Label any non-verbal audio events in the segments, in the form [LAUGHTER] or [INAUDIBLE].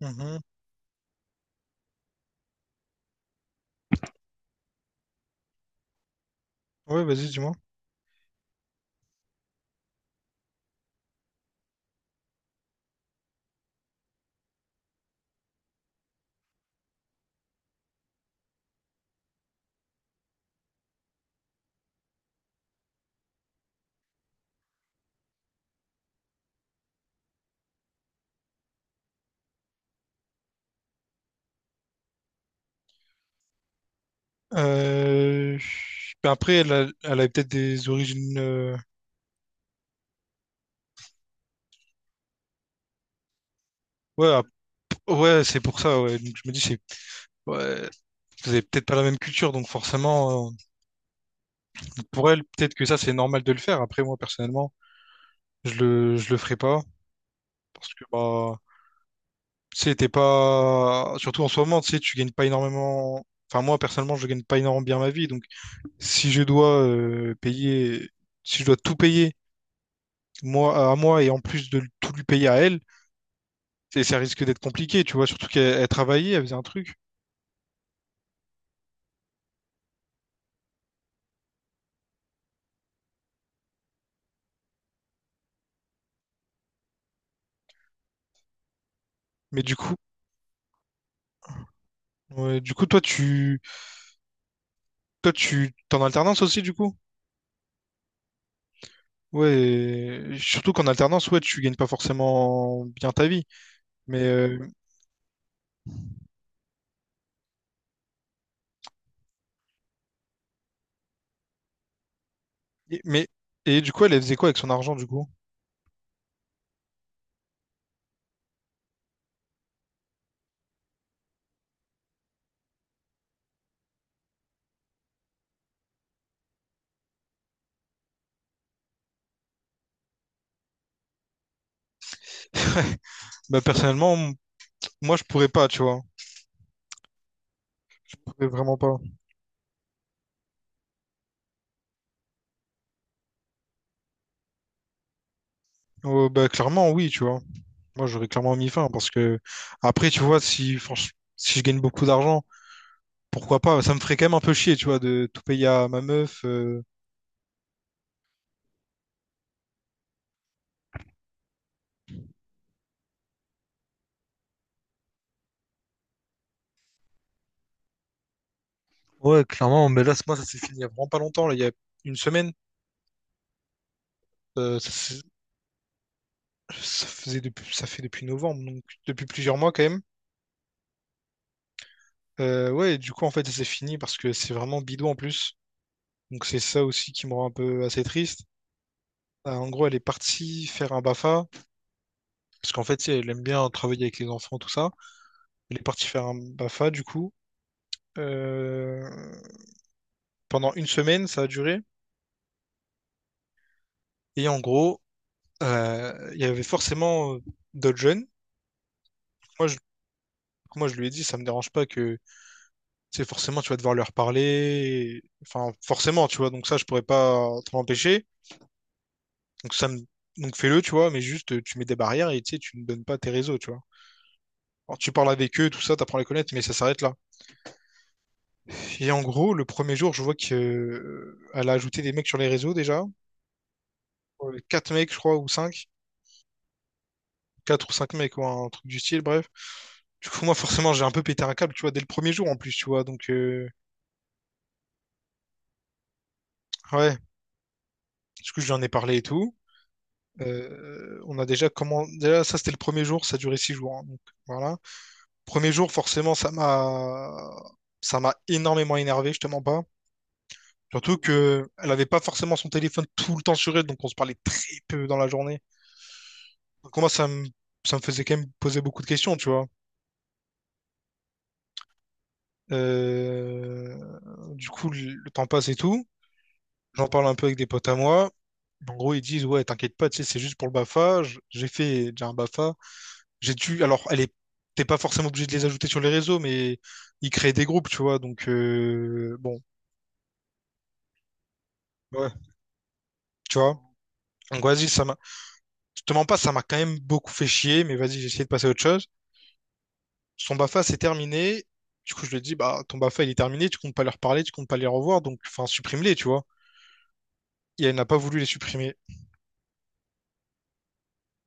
Mhm. Ouais, vas-y, dis-moi. Euh... ben après, elle a peut-être des origines. Ouais, ap- ouais, c'est pour ça. Ouais. Donc je me dis, c'est. Ouais. Vous avez peut-être pas la même culture, donc forcément, pour elle, peut-être que ça, c'est normal de le faire. Après, moi, personnellement, je le ferai pas parce que, bah, tu sais, t'es pas, surtout en ce moment, tu sais, tu gagnes pas énormément. Enfin, moi, personnellement, je gagne pas énormément bien ma vie, donc si je dois payer, si je dois tout payer, moi, à moi, et en plus de tout lui payer à elle, ça risque d'être compliqué, tu vois, surtout qu'elle elle travaillait, elle faisait un truc. Mais du coup, ouais, du coup, toi, tu, t'es en alternance aussi, du coup? Ouais, et surtout qu'en alternance, ouais, tu gagnes pas forcément bien ta vie. Mais, euh, mais et du coup, elle, elle faisait quoi avec son argent, du coup? Bah, personnellement, moi, je pourrais pas, tu vois. Je pourrais vraiment pas. Bah, clairement, oui, tu vois. Moi, j'aurais clairement mis fin parce que après, tu vois, si, si je gagne beaucoup d'argent, pourquoi pas? Ça me ferait quand même un peu chier, tu vois, de tout payer à ma meuf. Ouais, clairement, mais là, moi, ça s'est fini il y a vraiment pas longtemps, là, il y a une semaine. Euh, ça, s'est- ça fait depuis novembre, donc depuis plusieurs mois quand même. Ouais, et du coup, en fait, ça s'est fini parce que c'est vraiment bidon en plus. Donc, c'est ça aussi qui me rend un peu assez triste. En gros, elle est partie faire un BAFA, parce qu'en fait, tu sais, elle aime bien travailler avec les enfants, tout ça. Elle est partie faire un BAFA, du coup. Euh, Pendant une semaine, ça a duré. Et en gros, il y avait forcément d'autres jeunes. Moi, je, moi, je lui ai dit, ça me dérange pas que tu sais, forcément, tu vas devoir leur parler. Enfin, forcément, tu vois. Donc ça, je pourrais pas t'en empêcher. Donc ça me... Donc fais-le, tu vois. Mais juste, tu mets des barrières et tu sais, tu ne donnes pas tes réseaux, tu vois. Alors, tu parles avec eux, tout ça, t'apprends à les connaître, mais ça s'arrête là. Et en gros, le premier jour, je vois que elle a ajouté des mecs sur les réseaux déjà. Quatre mecs, je crois, ou cinq. Quatre ou cinq mecs, ou un truc du style, bref. Du coup, moi, forcément, j'ai un peu pété un câble, tu vois, dès le premier jour en plus, tu vois. Donc, ouais. Du coup, je lui en ai parlé et tout. On a déjà comment déjà ça c'était le premier jour, ça a duré 6 jours, hein, donc voilà. Premier jour forcément ça m'a énormément énervé, je te mens pas. Surtout que elle avait pas forcément son téléphone tout le temps sur elle, donc on se parlait très peu dans la journée. Donc moi ça me faisait quand même poser beaucoup de questions, tu vois. Euh, Du coup le temps passe et tout. J'en parle un peu avec des potes à moi. En gros ils disent ouais t'inquiète pas, tu sais c'est juste pour le BAFA. J'ai fait déjà un BAFA. J'ai dû, alors, elle est, t'es pas forcément obligé de les ajouter sur les réseaux, mais ils créent des groupes, tu vois. Donc, bon, ouais, tu vois. Donc, vas-y, ça m'a, je te mens pas, ça m'a quand même beaucoup fait chier, mais vas-y, j'ai essayé de passer à autre chose. Son BAFA, c'est terminé. Du coup, je lui ai dit, bah, ton BAFA, il est terminé, tu comptes pas leur parler, tu comptes pas les revoir, donc, enfin, supprime-les, tu vois. Et elle n'a pas voulu les supprimer.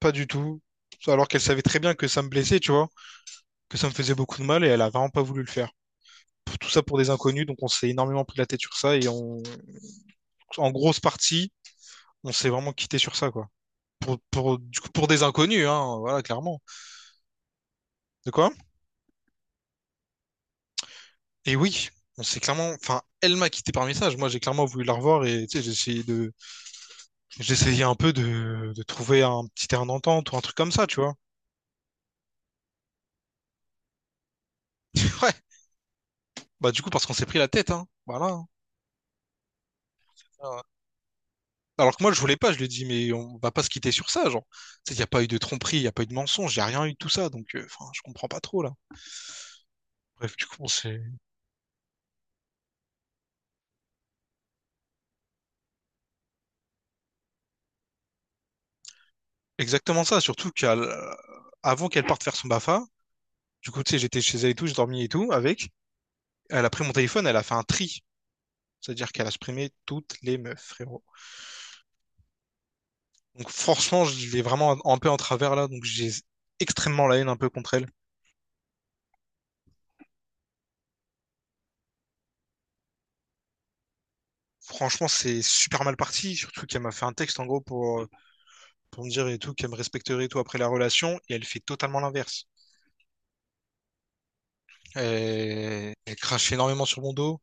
Pas du tout. Alors qu'elle savait très bien que ça me blessait, tu vois, que ça me faisait beaucoup de mal et elle a vraiment pas voulu le faire. Tout ça pour des inconnus, donc on s'est énormément pris la tête sur ça et on, en grosse partie, on s'est vraiment quitté sur ça, quoi. Pour, du coup, pour des inconnus, hein, voilà, clairement. De quoi? Et oui, on s'est clairement. Enfin, elle m'a quitté par message. Moi, j'ai clairement voulu la revoir et tu sais, j'ai essayé de. J'essayais un peu de trouver un petit terrain d'entente ou un truc comme ça, tu vois. [LAUGHS] Ouais. Bah, du coup, parce qu'on s'est pris la tête, hein. Voilà. Euh, Alors que moi, je voulais pas, je lui ai dit, mais on va pas se quitter sur ça, genre. Tu sais, il n'y a pas eu de tromperie, il n'y a pas eu de mensonge, il n'y a rien eu de tout ça, donc enfin, je comprends pas trop, là. Bref, du coup, c'est exactement ça, surtout qu'avant qu'elle parte faire son BAFA, du coup, tu sais, j'étais chez elle et tout, j'ai dormi et tout avec. Elle a pris mon téléphone, elle a fait un tri. C'est-à-dire qu'elle a supprimé toutes les meufs, frérot. Donc franchement, je l'ai vraiment un peu en travers là, donc j'ai extrêmement la haine un peu contre elle. Franchement, c'est super mal parti, surtout qu'elle m'a fait un texte en gros pour me dire et tout, qu'elle me respecterait et tout après la relation, et elle fait totalement l'inverse. Elle, elle crache énormément sur mon dos,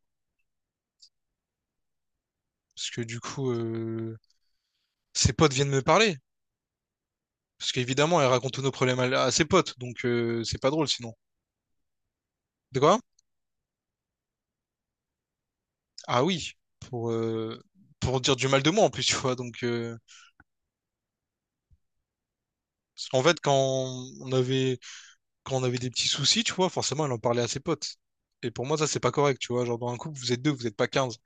parce que du coup, ses potes viennent me parler. Parce qu'évidemment, elle raconte tous nos problèmes à ses potes, donc c'est pas drôle sinon. De quoi? Ah oui, pour, euh, pour dire du mal de moi en plus, tu vois. Donc, parce qu'en fait, on avait, quand on avait des petits soucis, tu vois, forcément, elle en parlait à ses potes. Et pour moi, ça, c'est pas correct, tu vois. Genre, dans un couple, vous êtes deux, vous n'êtes pas 15.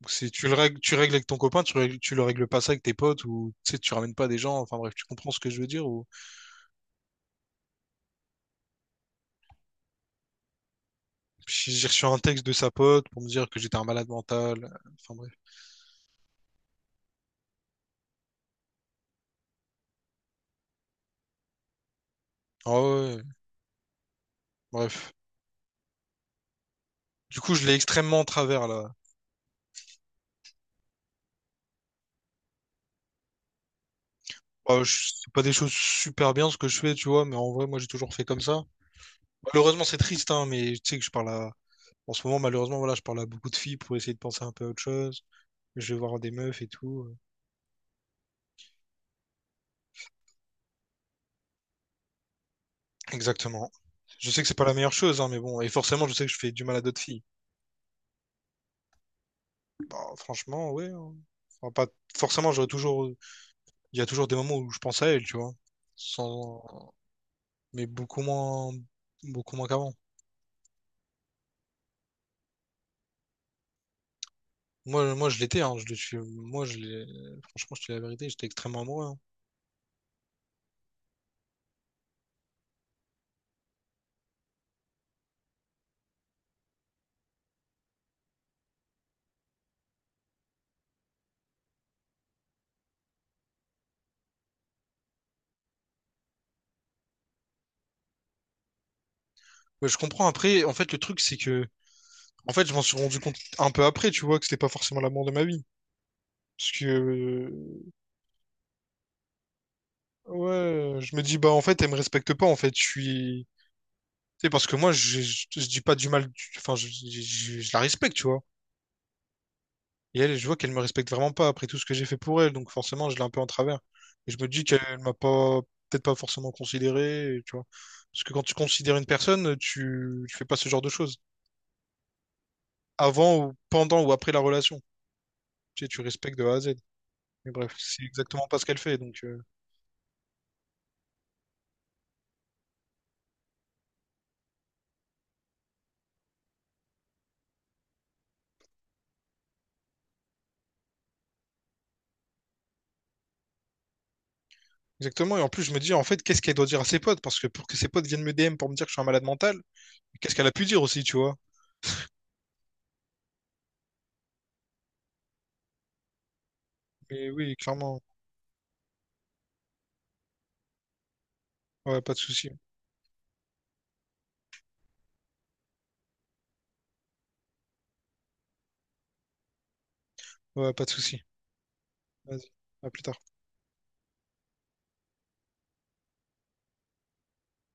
Donc, c'est, tu le règles, tu règles avec ton copain, tu le règles pas ça avec tes potes, ou tu sais, tu ramènes pas des gens. Enfin bref, tu comprends ce que je veux dire. Ou... J'ai reçu un texte de sa pote pour me dire que j'étais un malade mental. Enfin bref. Ah ouais, ouais, bref. Du coup, je l'ai extrêmement en travers, là. Bah, c'est pas des choses super bien ce que je fais, tu vois, mais en vrai, moi, j'ai toujours fait comme ça. Malheureusement, c'est triste, hein, mais tu sais que je parle à... En ce moment, malheureusement, voilà, je parle à beaucoup de filles pour essayer de penser un peu à autre chose. Je vais voir des meufs et tout. Exactement. Je sais que c'est pas la meilleure chose, hein, mais bon. Et forcément, je sais que je fais du mal à d'autres filles. Bah, franchement, ouais, hein. Enfin, pas... Forcément, j'aurais toujours... Il y a toujours des moments où je pense à elle, tu vois. Sans... Mais beaucoup moins... Beaucoup moins qu'avant. Moi, moi, je l'étais, hein. Moi, je l'ai... Franchement, je te dis la vérité, j'étais extrêmement amoureux, hein. Mais je comprends. Après, en fait, le truc, c'est que... En fait, je m'en suis rendu compte un peu après, tu vois, que c'était pas forcément l'amour de ma vie. Parce que, ouais, je me dis, bah, en fait, elle me respecte pas, en fait, je suis. Tu sais, parce que moi, je dis pas du mal, enfin, je la respecte, tu vois. Et elle, je vois qu'elle me respecte vraiment pas après tout ce que j'ai fait pour elle, donc forcément, je l'ai un peu en travers. Et je me dis qu'elle m'a pas, peut-être pas forcément considéré, et tu vois. Parce que quand tu considères une personne, tu fais pas ce genre de choses. Avant ou pendant ou après la relation. Tu sais, tu respectes de A à Z. Mais bref, c'est exactement pas ce qu'elle fait, donc. Exactement. Et en plus, je me dis, en fait, qu'est-ce qu'elle doit dire à ses potes? Parce que pour que ses potes viennent me DM pour me dire que je suis un malade mental, qu'est-ce qu'elle a pu dire aussi, tu vois? Mais oui, clairement. Ouais, pas de souci. Ouais, pas de souci. Vas-y. À plus tard.